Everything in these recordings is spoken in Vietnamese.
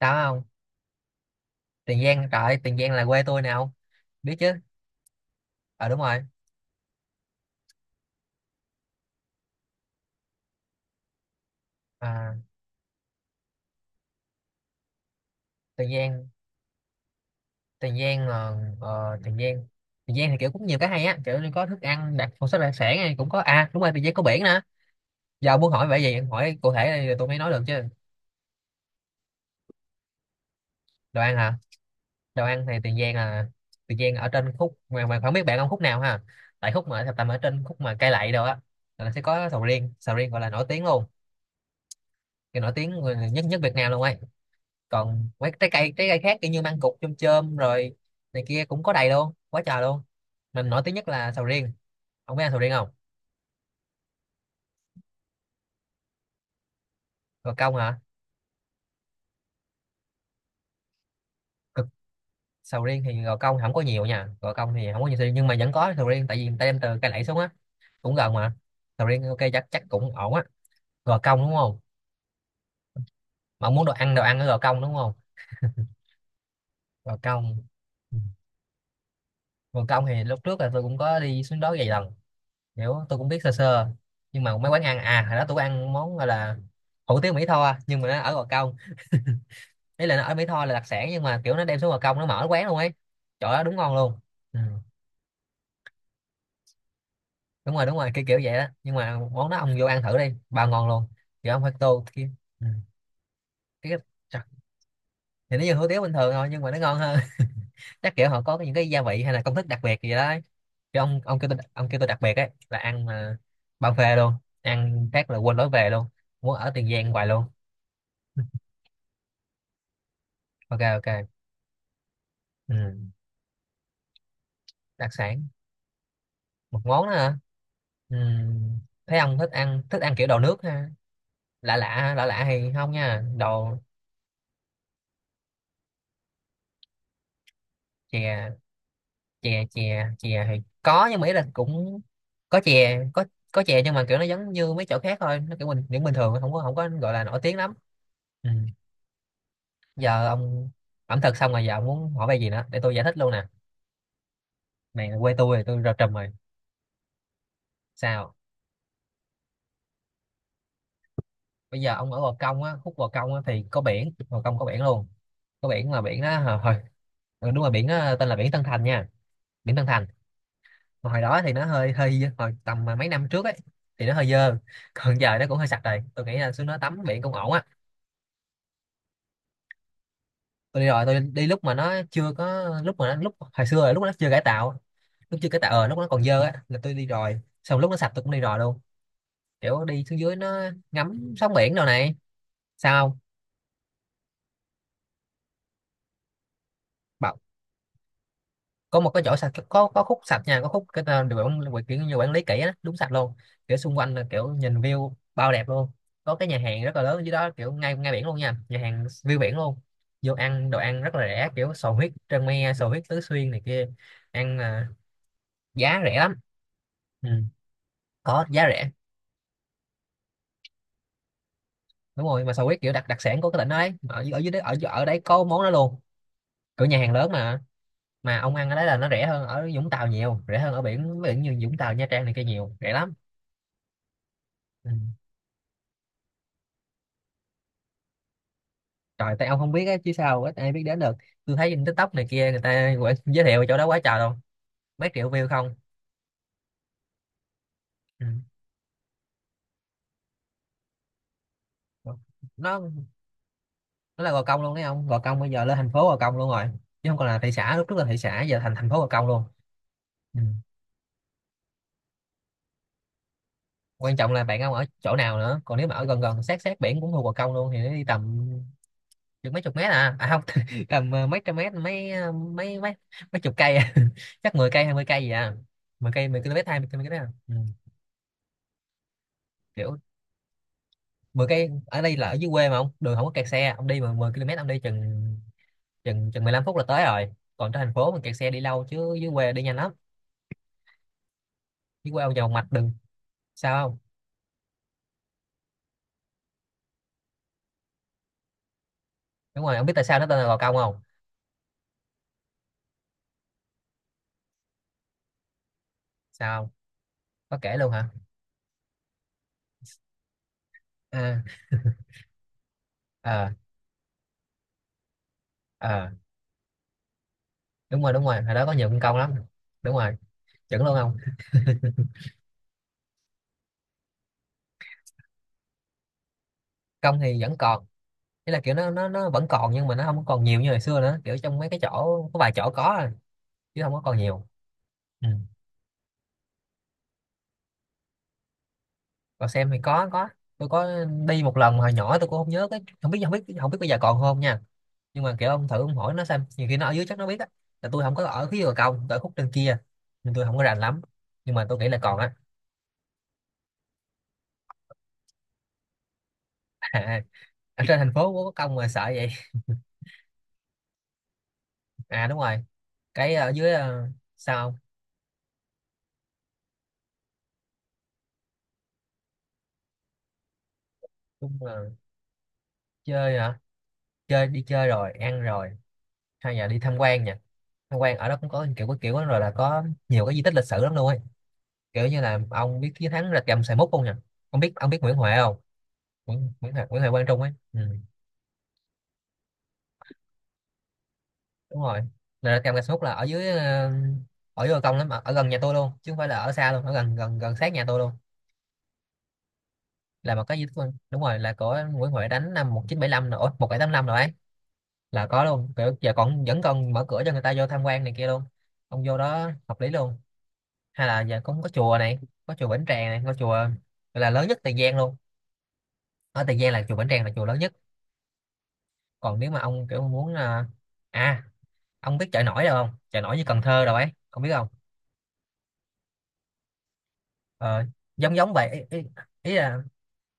Đó không? Tiền Giang trời ơi, Tiền Giang là quê tôi nè không? Biết chứ. Ờ đúng rồi. À, Tiền Giang Tiền Giang là ờ, Tiền Giang Tiền Giang thì kiểu cũng nhiều cái hay á, kiểu như có thức ăn đặc một số đặc sản này cũng có, à đúng rồi, Tiền Giang có biển nữa. Giờ muốn hỏi vậy gì em hỏi cụ thể đây rồi tôi mới nói được chứ. Đồ ăn hả? Đồ ăn thì Tiền Giang là Tiền Giang ở trên khúc mà không biết bạn ăn khúc nào ha. Tại khúc mà tầm ở trên khúc mà cây lậy đồ á là sẽ có sầu riêng gọi là nổi tiếng luôn, cái nổi tiếng nhất nhất Việt Nam luôn ấy, còn mấy trái cây khác kiểu như măng cụt chôm chôm rồi này kia cũng có đầy luôn quá trời luôn, mình nổi tiếng nhất là sầu riêng. Ông biết ăn sầu riêng không? Gò Công hả? Cực. Sầu riêng thì Gò Công không có nhiều nha, Gò Công thì không có nhiều sầu riêng nhưng mà vẫn có sầu riêng tại vì người ta đem từ cây lẫy xuống á, cũng gần mà. Sầu riêng ok, chắc chắc cũng ổn á. Gò Công đúng không? Mà ông muốn đồ ăn ở Gò Công đúng không? Gò Công. Ừ. Gò Công thì lúc trước là tôi cũng có đi xuống đó vài lần, kiểu tôi cũng biết sơ sơ, nhưng mà mấy quán ăn à, hồi đó tôi có ăn món gọi là hủ tiếu Mỹ Tho nhưng mà nó ở Gò Công, ý là nó ở Mỹ Tho là đặc sản nhưng mà kiểu nó đem xuống Gò Công nó mở quán luôn ấy. Trời ơi đúng ngon luôn. Ừ. Đúng rồi đúng rồi, kiểu kiểu vậy đó, nhưng mà món đó ông vô ăn thử đi, bao ngon luôn, kiểu ông phải tô kia. Ừ. cái cái- chắc- thì nó như hủ tiếu bình thường thôi nhưng mà nó ngon hơn. Chắc kiểu họ có những cái gia vị hay là công thức đặc biệt gì đó ấy. Chứ ông kêu tôi, ông kêu tôi đặc biệt ấy là ăn mà bao phê luôn, ăn phát là quên lối về luôn, muốn ở Tiền Giang hoài luôn. Ok ok. Ừ. Đặc sản. Một món nữa hả? Ừ. Thấy ông thích ăn, thích ăn kiểu đồ nước ha. Lạ lạ, lạ lạ thì không nha, đồ. Chè. Chè thì có nhưng mà ý là cũng có chè có. Có chè nhưng mà kiểu nó giống như mấy chỗ khác thôi, nó kiểu bình thường, không có, không có gọi là nổi tiếng lắm. Ừ. Giờ ông, ẩm thực xong rồi giờ ông muốn hỏi về gì nữa để tôi giải thích luôn nè, mày là quê tôi thì tôi rờ trùm rồi. Sao? Bây giờ ông ở Gò Công á, khúc Gò Công á thì có biển, Gò Công có biển luôn, có biển mà biển đó hồi hồi- ừ, đúng rồi, biển đó tên là biển Tân Thành nha, biển Tân Thành. Mà hồi đó thì nó hơi hơi dơ, hồi tầm mà mấy năm trước ấy thì nó hơi dơ, còn giờ nó cũng hơi sạch rồi, tôi nghĩ là xuống nó tắm biển cũng ổn á. Tôi đi rồi, tôi đi lúc mà nó chưa có, lúc mà nó, lúc hồi xưa là lúc nó chưa cải tạo, lúc chưa cải tạo, lúc nó còn dơ á là tôi đi rồi, xong lúc nó sạch tôi cũng đi rồi luôn, kiểu đi xuống dưới nó ngắm sóng biển đồ này. Sao không? Có một cái chỗ sạch, có khúc sạch nha, có khúc cái tên được quản quản- kiểu như quản lý kỹ á, đúng sạch luôn, kiểu xung quanh là kiểu nhìn view bao đẹp luôn, có cái nhà hàng rất là lớn dưới đó kiểu ngay ngay biển luôn nha, nhà hàng view biển luôn, vô ăn đồ ăn rất là rẻ, kiểu sò huyết trân me, sò huyết Tứ Xuyên này kia. Ăn à, giá rẻ lắm. Ừ. Có giá rẻ. Đúng rồi, mà sò huyết kiểu đặc đặc sản của cái tỉnh đó đấy, ở, ở dưới đấy, ở ở đấy có món đó luôn, kiểu nhà hàng lớn mà ông ăn ở đấy là nó rẻ hơn ở Vũng Tàu nhiều, rẻ hơn ở biển, biển như Vũng Tàu Nha Trang này kia nhiều, rẻ lắm. Ừ. Trời, tại ông không biết á, chứ sao ít ai biết đến được. Tôi thấy trên TikTok này kia người ta quảng- giới thiệu chỗ đó quá trời luôn. Mấy triệu view không. Ừ. Nó nó là Gò Công luôn đấy ông. Gò Công bây giờ lên thành phố Gò Công luôn rồi. Chứ không còn là thị xã, lúc trước là thị xã giờ thành thành phố Gò Công luôn. Ừ. Quan trọng là bạn ông ở chỗ nào nữa. Còn nếu mà ở gần gần sát sát biển cũng thuộc Gò Công luôn thì nó đi tầm chừng mấy chục mét à. À không, tầm mấy trăm mét, mấy mấy mấy mấy chục cây à. Chắc 10 cây 20 cây gì à. Mười cây, 10 km 20 km à. Ừ. Kiểu 10 cây ở đây là ở dưới quê mà ông, đường không có kẹt xe, ông đi mà 10 km ông đi chừng chừng chừng 15 phút là tới rồi, còn trên thành phố mình kẹt xe đi lâu chứ dưới quê đi nhanh lắm, dưới quê ông vào mạch đường. Sao không? Đúng rồi, ông biết tại sao nó tên là Gò Công không? Sao không? Có kể luôn hả? À. Ờ. Ờ đúng rồi, đúng rồi, hồi đó có nhiều con công lắm. Đúng rồi, chuẩn luôn không. Công thì vẫn còn, nghĩa là kiểu nó vẫn còn nhưng mà nó không còn nhiều như hồi xưa nữa, kiểu trong mấy cái chỗ có vài chỗ có à, chứ không có còn nhiều. Ừ. Còn xem thì có có. Tôi có đi một lần mà hồi nhỏ, tôi cũng không nhớ cái, không biết không biết bây giờ còn không nha, nhưng mà kiểu ông thử ông hỏi nó xem, nhiều khi nó ở dưới chắc nó biết á, là tôi không có ở phía bờ công, tôi ở khúc trên kia nên tôi không có rành lắm, nhưng mà tôi nghĩ là còn á. À, ở trên thành phố có công mà sợ vậy. À đúng rồi, cái ở dưới sao không? Đúng là chơi hả? Chơi, đi chơi rồi ăn rồi, hay là đi tham quan nha. Tham quan ở đó cũng có, kiểu có kiểu đó rồi là có nhiều cái di tích lịch sử lắm luôn ấy, kiểu như là ông biết chiến thắng Rạch Gầm 21 không nhỉ? Ông biết, ông biết Nguyễn Huệ không? Nguyễn Nguyễn Huệ, Nguyễn Huệ Quang Trung ấy, ừ, đúng rồi, là Rạch Gầm 21 là ở dưới ở dưới bờ công lắm, ở, ở gần nhà tôi luôn chứ không phải là ở xa luôn, ở gần gần gần sát nhà tôi luôn, là một cái gì đó- đúng rồi, là của Nguyễn Huệ đánh năm 1975 nữa, bảy 1785 rồi, một bảy tám năm rồi ấy, là có luôn kiểu giờ còn vẫn còn mở cửa cho người ta vô tham quan này kia luôn, ông vô đó hợp lý luôn. Hay là giờ cũng có chùa này, có chùa Bỉnh Tràng này, có chùa gọi là lớn nhất Tiền Giang luôn, ở Tiền Giang là chùa Bỉnh Tràng là chùa lớn nhất. Còn nếu mà ông kiểu muốn à, ông biết chợ nổi đâu không, chợ nổi như Cần Thơ đâu ấy, không biết không? Ờ, giống giống vậy, ý, ý, ý là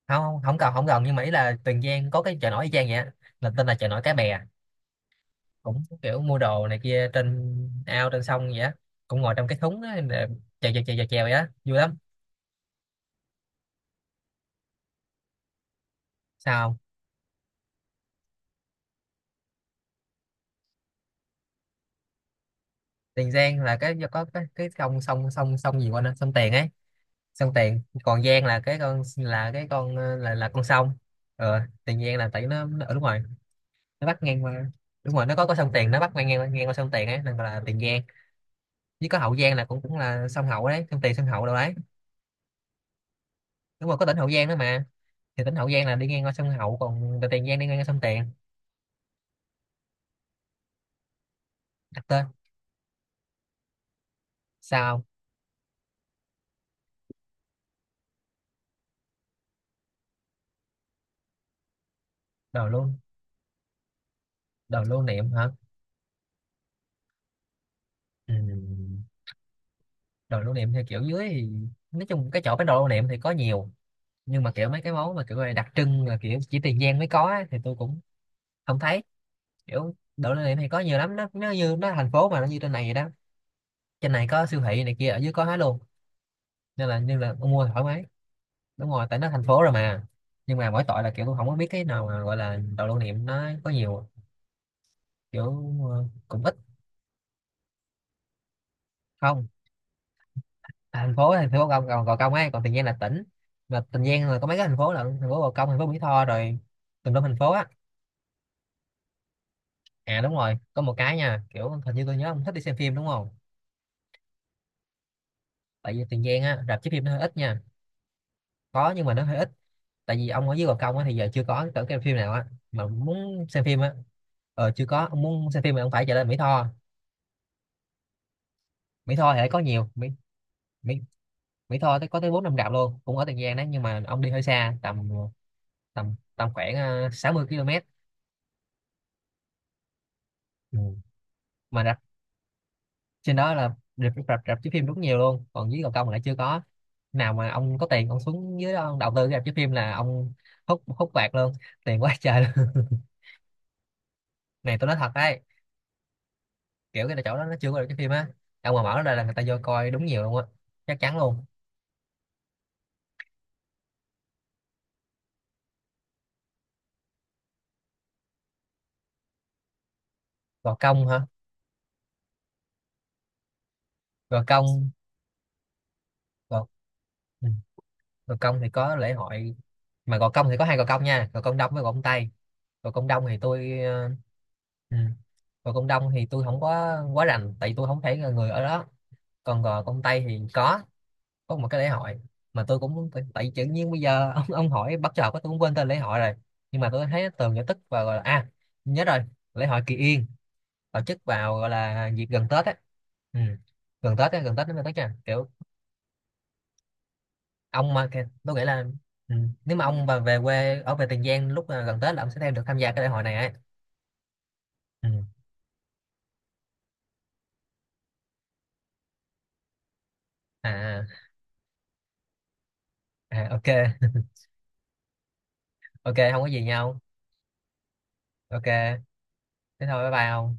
không không không cần không gần, nhưng mà ý là Tiền Giang có cái chợ nổi y chang vậy á, là tên là chợ nổi Cái Bè, cũng kiểu mua đồ này kia trên ao, trên sông vậy á, cũng ngồi trong cái thúng á để chèo chèo chèo chèo chèo vậy á, vui lắm. Sao không? Tiền Giang là cái có cái sông sông sông sông gì quên á, sông Tiền ấy. Sông Tiền, còn Giang là là con sông. Tiền Giang là tại nó ở, đúng rồi, nó bắc ngang qua. Đúng rồi, nó có sông Tiền, nó bắc ngang ngang, ngang qua sông Tiền ấy nên gọi là Tiền Giang. Với có Hậu Giang là cũng cũng là sông Hậu đấy, sông Tiền sông Hậu đâu đấy. Đúng rồi, có tỉnh Hậu Giang nữa mà. Thì tỉnh Hậu Giang là đi ngang qua sông Hậu, còn Tiền Giang đi ngang qua sông Tiền. Đặt tên sao? Đồ lưu, đồ lưu niệm hả? Ừ. Đồ lưu niệm theo kiểu dưới thì nói chung cái chỗ bán đồ lưu niệm thì có nhiều, nhưng mà kiểu mấy cái món mà kiểu là đặc trưng, là kiểu chỉ Tiền Giang mới có á, thì tôi cũng không thấy. Kiểu đồ lưu niệm thì có nhiều lắm, nó thành phố mà, nó như trên này vậy đó. Trên này có siêu thị này kia, ở dưới có hết luôn. Nên là ông mua thoải mái. Đúng rồi, tại nó thành phố rồi mà. Nhưng mà mỗi tội là kiểu tôi không có biết cái nào mà gọi là đồ lưu niệm, nó có nhiều kiểu. Cũng ít. Không. À, thành phố, thành phố Gò Gò, Gò Công ấy, còn Tiền Giang là tỉnh. Mà Tiền Giang là có mấy cái thành phố lận, thành phố Gò Công, thành phố Mỹ Tho, rồi tùm lum thành phố á. À đúng rồi, có một cái nha, kiểu hình như tôi nhớ ông thích đi xem phim đúng không? Tại vì Tiền Giang á, rạp chiếu phim nó hơi ít nha. Có nhưng mà nó hơi ít. Tại vì ông ở dưới Gò Công á, thì giờ chưa có cái phim nào á, mà muốn xem phim á. Ờ, chưa có. Ông muốn xem phim thì ông phải trở lên Mỹ Tho. Mỹ Tho thì lại có nhiều. Mỹ Mỹ Mỹ Tho có tới bốn năm rạp luôn, cũng ở Tiền Giang đấy, nhưng mà ông đi hơi xa, tầm tầm tầm khoảng 60 km. Ừ. Mà rạp trên đó là rạp rạp rạp chiếu phim rất nhiều luôn, còn dưới Gò Công lại chưa có nào. Mà ông có tiền ông xuống dưới đó ông đầu tư cái rạp chiếu phim là ông hút hút bạc luôn, tiền quá trời luôn. Này tôi nói thật đấy, kiểu cái chỗ đó nó chưa có được cái phim á, ông mà mở ra là người ta vô coi đúng nhiều luôn á, chắc chắn luôn. Gò Công hả? Gò Công Gò Ừ. Gò Công thì có lễ hội. Mà Gò Công thì có hai Gò Công nha, Gò Công Đông với Gò Công Tây. Gò Công Đông thì tôi ừ, Gò Công Đông thì tôi không có quá rành tại vì tôi không phải là người ở đó. Còn Gò Công Tây thì có một cái lễ hội, mà tôi cũng, tại vì tự nhiên bây giờ ông hỏi bắt chợt quá tôi cũng quên tên lễ hội rồi. Nhưng mà tôi thấy tường giải thích và gọi là, à nhớ rồi, lễ hội Kỳ Yên, tổ chức vào gọi là dịp gần Tết á. Ừ. Gần Tết á, gần Tết đến tới nha, kiểu ông mà kìa, tôi nghĩ là, ừ, nếu mà ông mà về quê ở về Tiền Giang lúc gần Tết là ông sẽ thêm được tham gia cái đại hội này ấy. Ừ. à, à À, ok. Ok, không có gì nhau. Ok, thế thôi, bye bye ông.